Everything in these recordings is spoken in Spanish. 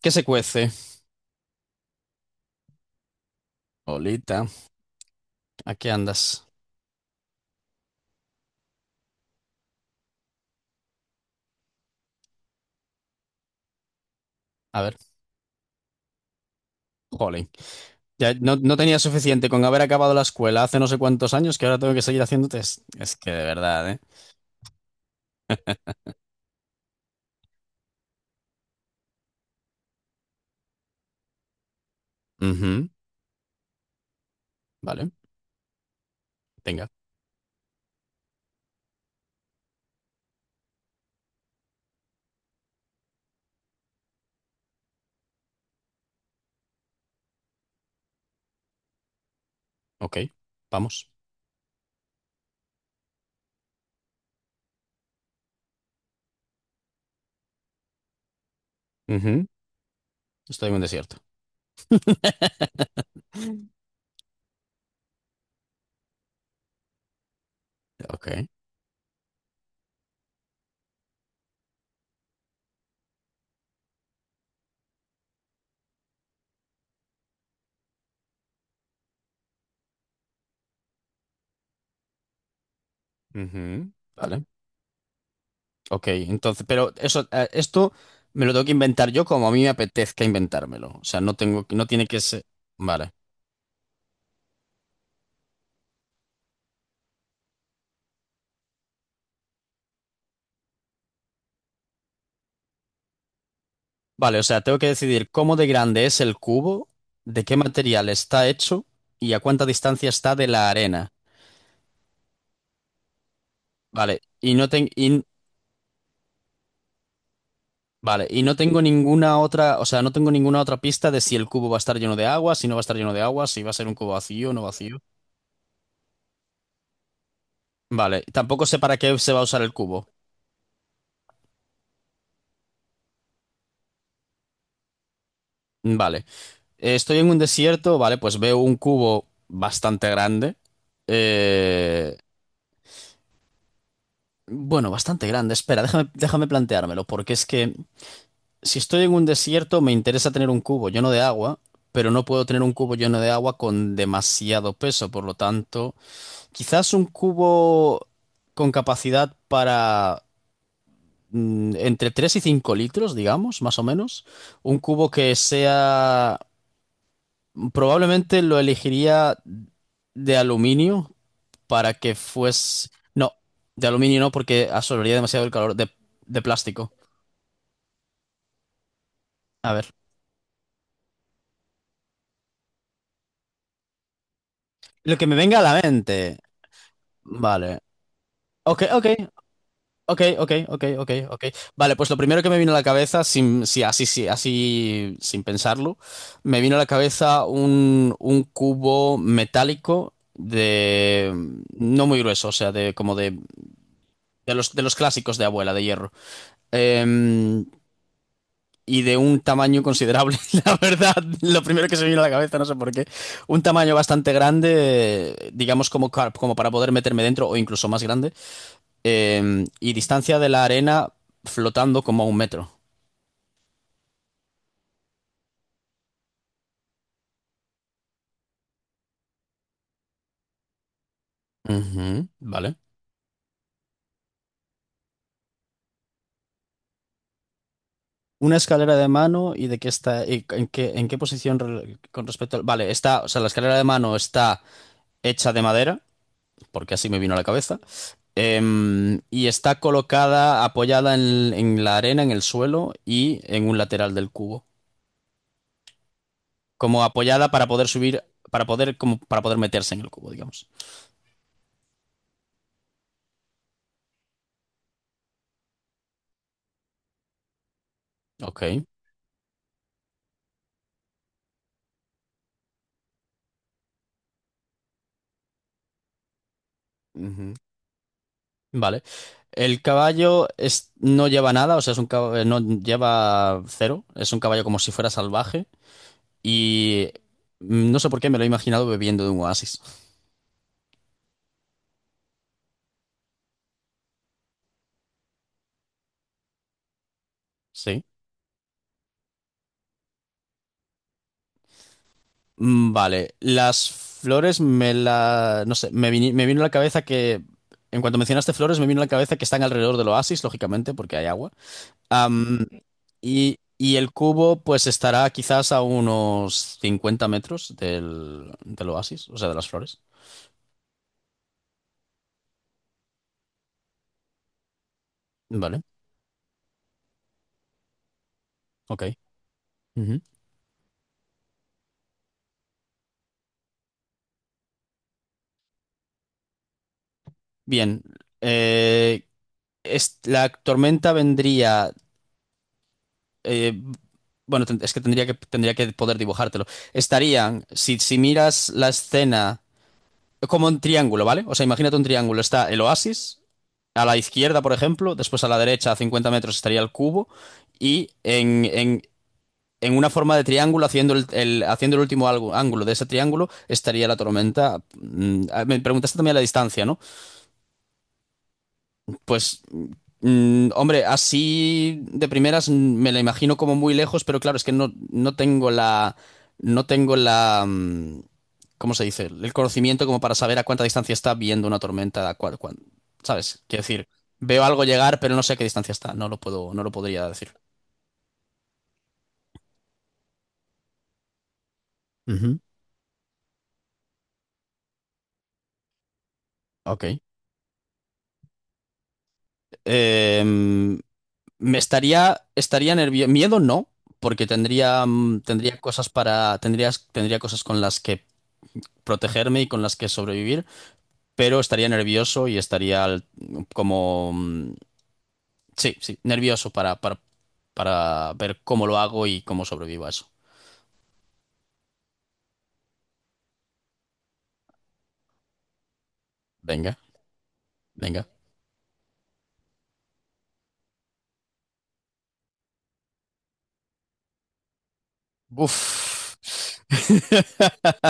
¿Qué se cuece? Olita, ¿a qué andas? A ver, jolín. Ya no tenía suficiente con haber acabado la escuela hace no sé cuántos años que ahora tengo que seguir haciendo test. Es que de verdad, ¿eh? Ujú, vale, venga, ok, vamos. Ujú, estoy en un desierto. Ok, ujú, vale, ok. Entonces, pero eso, esto me lo tengo que inventar yo como a mí me apetezca inventármelo. O sea, no tiene que ser. Vale. Vale, o sea, tengo que decidir cómo de grande es el cubo, de qué material está hecho y a cuánta distancia está de la arena. Vale, y no ten- y- vale, y no tengo ninguna otra, o sea, no tengo ninguna otra pista de si el cubo va a estar lleno de agua, si no va a estar lleno de agua, si va a ser un cubo vacío o no vacío. Vale, tampoco sé para qué se va a usar el cubo. Vale, estoy en un desierto, vale, pues veo un cubo bastante grande. Eh, bueno, bastante grande. Espera, déjame planteármelo, porque es que si estoy en un desierto, me interesa tener un cubo lleno de agua, pero no puedo tener un cubo lleno de agua con demasiado peso. Por lo tanto, quizás un cubo con capacidad para entre 3 y 5 litros, digamos, más o menos. Un cubo que sea... Probablemente lo elegiría de aluminio para que fuese... No, de aluminio no, porque absorbería demasiado el calor de plástico. A ver. Lo que me venga a la mente. Vale. Ok. Ok. Vale, pues lo primero que me vino a la cabeza, sin, sí, sí, así, sin pensarlo, me vino a la cabeza un cubo metálico de, no muy grueso, o sea, de como de los clásicos de abuela, de hierro. Em, y de un tamaño considerable, la verdad, lo primero que se me vino a la cabeza, no sé por qué. Un tamaño bastante grande, digamos como para poder meterme dentro o incluso más grande y distancia de la arena, flotando como a 1 metro. Ujú, vale. Una escalera de mano y de qué está, y en qué posición re- con respecto al... Vale, está, o sea, la escalera de mano está hecha de madera, porque así me vino a la cabeza, y está colocada, apoyada en la arena, en el suelo y en un lateral del cubo, como apoyada para poder subir, como para poder meterse en el cubo, digamos. Ok. Ujú. Vale. No lleva nada, o sea, es un no lleva cero, es un caballo como si fuera salvaje y no sé por qué me lo he imaginado bebiendo de un oasis. Sí. Vale, las flores me la... no sé, me vino a la cabeza que... En cuanto mencionaste flores, me vino a la cabeza que están alrededor del oasis, lógicamente, porque hay agua. Am, y el cubo pues estará quizás a unos 50 metros del, del oasis, o sea, de las flores. Vale, ok. Bien, eh, la tormenta vendría, eh, bueno, ten- es que tendría que tendría que poder dibujártelo. Estarían, si miras la escena como un triángulo, ¿vale? O sea, imagínate un triángulo. Está el oasis, a la izquierda, por ejemplo, después a la derecha, a 50 metros, estaría el cubo, y en una forma de triángulo, haciendo el último ángulo de ese triángulo, estaría la tormenta. Me preguntaste también la distancia, ¿no? Pues, hombre, así de primeras, me la imagino como muy lejos, pero claro, es que no tengo la, no tengo la, ¿cómo se dice? El conocimiento como para saber a cuánta distancia está viendo una tormenta, ¿sabes? Quiero decir, veo algo llegar, pero no sé a qué distancia está, no lo puedo, no lo podría decir. Ujú. Ok. Em, Estaría nervioso. Miedo no, porque tendría, tendría cosas con las que protegerme y con las que sobrevivir, pero estaría nervioso y estaría como... mm, sí, sí, nervioso para ver cómo lo hago y cómo sobrevivo a eso. Venga, venga. Buf.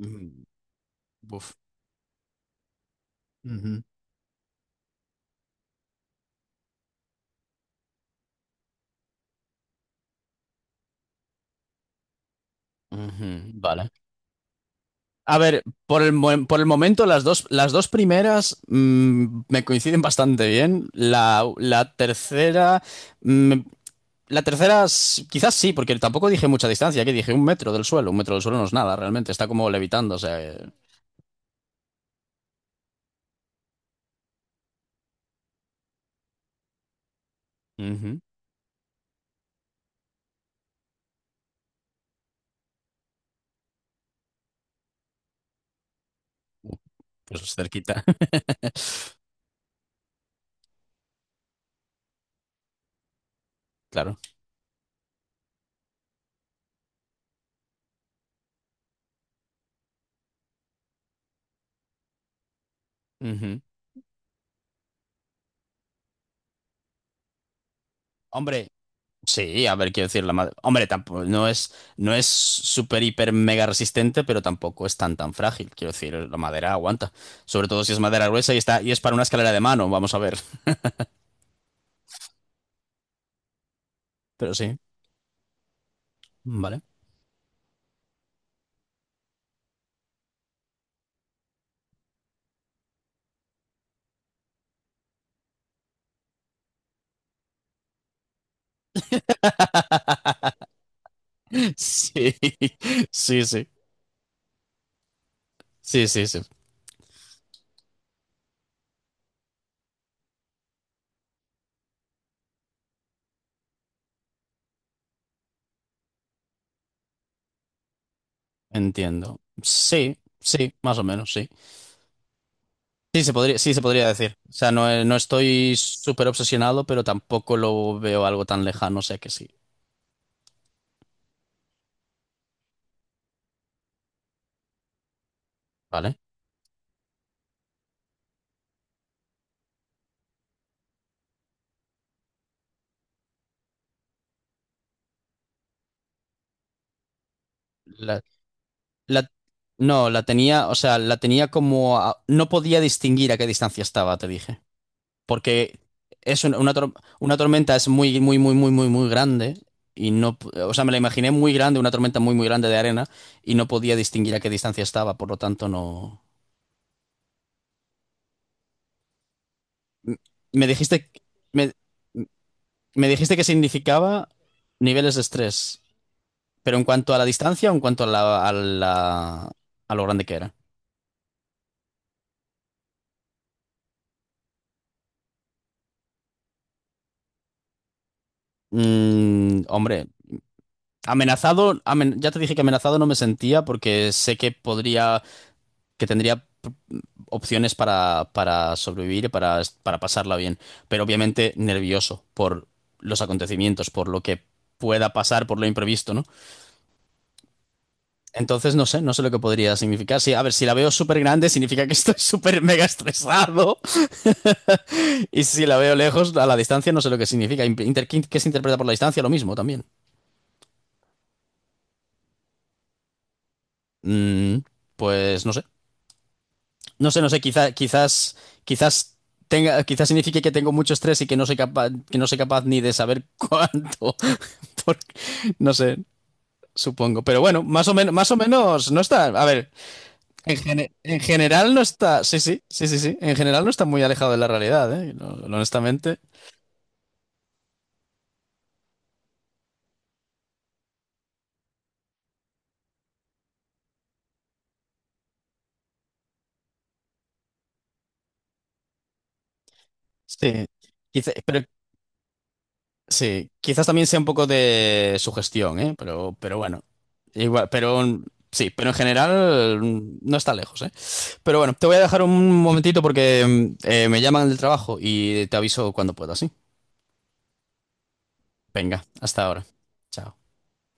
Mm, Uf. Ujú. Ujú, vale. A ver, por el momento las dos primeras, me coinciden bastante bien. La tercera, mm, la tercera, quizás sí, porque tampoco dije mucha distancia, que dije 1 metro del suelo. 1 metro del suelo no es nada, realmente. Está como levitando, o sea, ujú. Pues cerquita. Claro. Ujú. Hombre, sí, a ver, quiero decir, la madre. Hombre, tampoco, no es súper, hiper, mega resistente, pero tampoco es tan, tan frágil. Quiero decir, la madera aguanta. Sobre todo si es madera gruesa y está, y es para una escalera de mano, vamos a ver. Pero sí, vale. Sí, sí, sí. Sí, sí, sí. Entiendo. Sí, sí, más o menos, sí. Sí, se podría decir. O sea, no, no estoy súper obsesionado, pero tampoco lo veo algo tan lejano, o sea que sí. ¿Vale? La, la- no, la tenía, o sea, la tenía como... no podía distinguir a qué distancia estaba, te dije. Porque es una tormenta es muy, muy, muy, muy, muy, muy grande. Y no, o sea, me la imaginé muy grande, una tormenta muy, muy grande de arena, y no podía distinguir a qué distancia estaba, por lo tanto, no... Me dijiste... Me, Me dijiste que significaba niveles de estrés, pero en cuanto a la distancia o en cuanto a a lo grande que era. Hombre, ya te dije que amenazado no me sentía porque sé que podría, que tendría opciones para sobrevivir y para pasarla bien, pero obviamente nervioso por los acontecimientos, por lo que pueda pasar, por lo imprevisto, ¿no? Entonces no sé, no sé lo que podría significar. Sí, a ver, si la veo súper grande significa que estoy súper mega estresado. Y si la veo lejos, a la distancia no sé lo que significa. ¿Qué se interpreta por la distancia? Lo mismo también. Mm, pues no sé. No sé, no sé. Quizás quizás signifique que tengo mucho estrés y que no soy capaz, que no soy capaz ni de saber cuánto. Por- no sé, supongo. Pero bueno, más o menos no está. A ver, en general no está. Sí, sí, sí, sí, sí. En general no está muy alejado de la realidad, ¿eh? No, honestamente. Sí. Quizá- pero Sí, quizás también sea un poco de sugestión, ¿eh? Pero bueno, igual, pero sí, pero en general, no está lejos, ¿eh? Pero bueno, te voy a dejar un momentito porque me llaman del trabajo y te aviso cuando pueda, ¿sí? Venga, hasta ahora. Chao.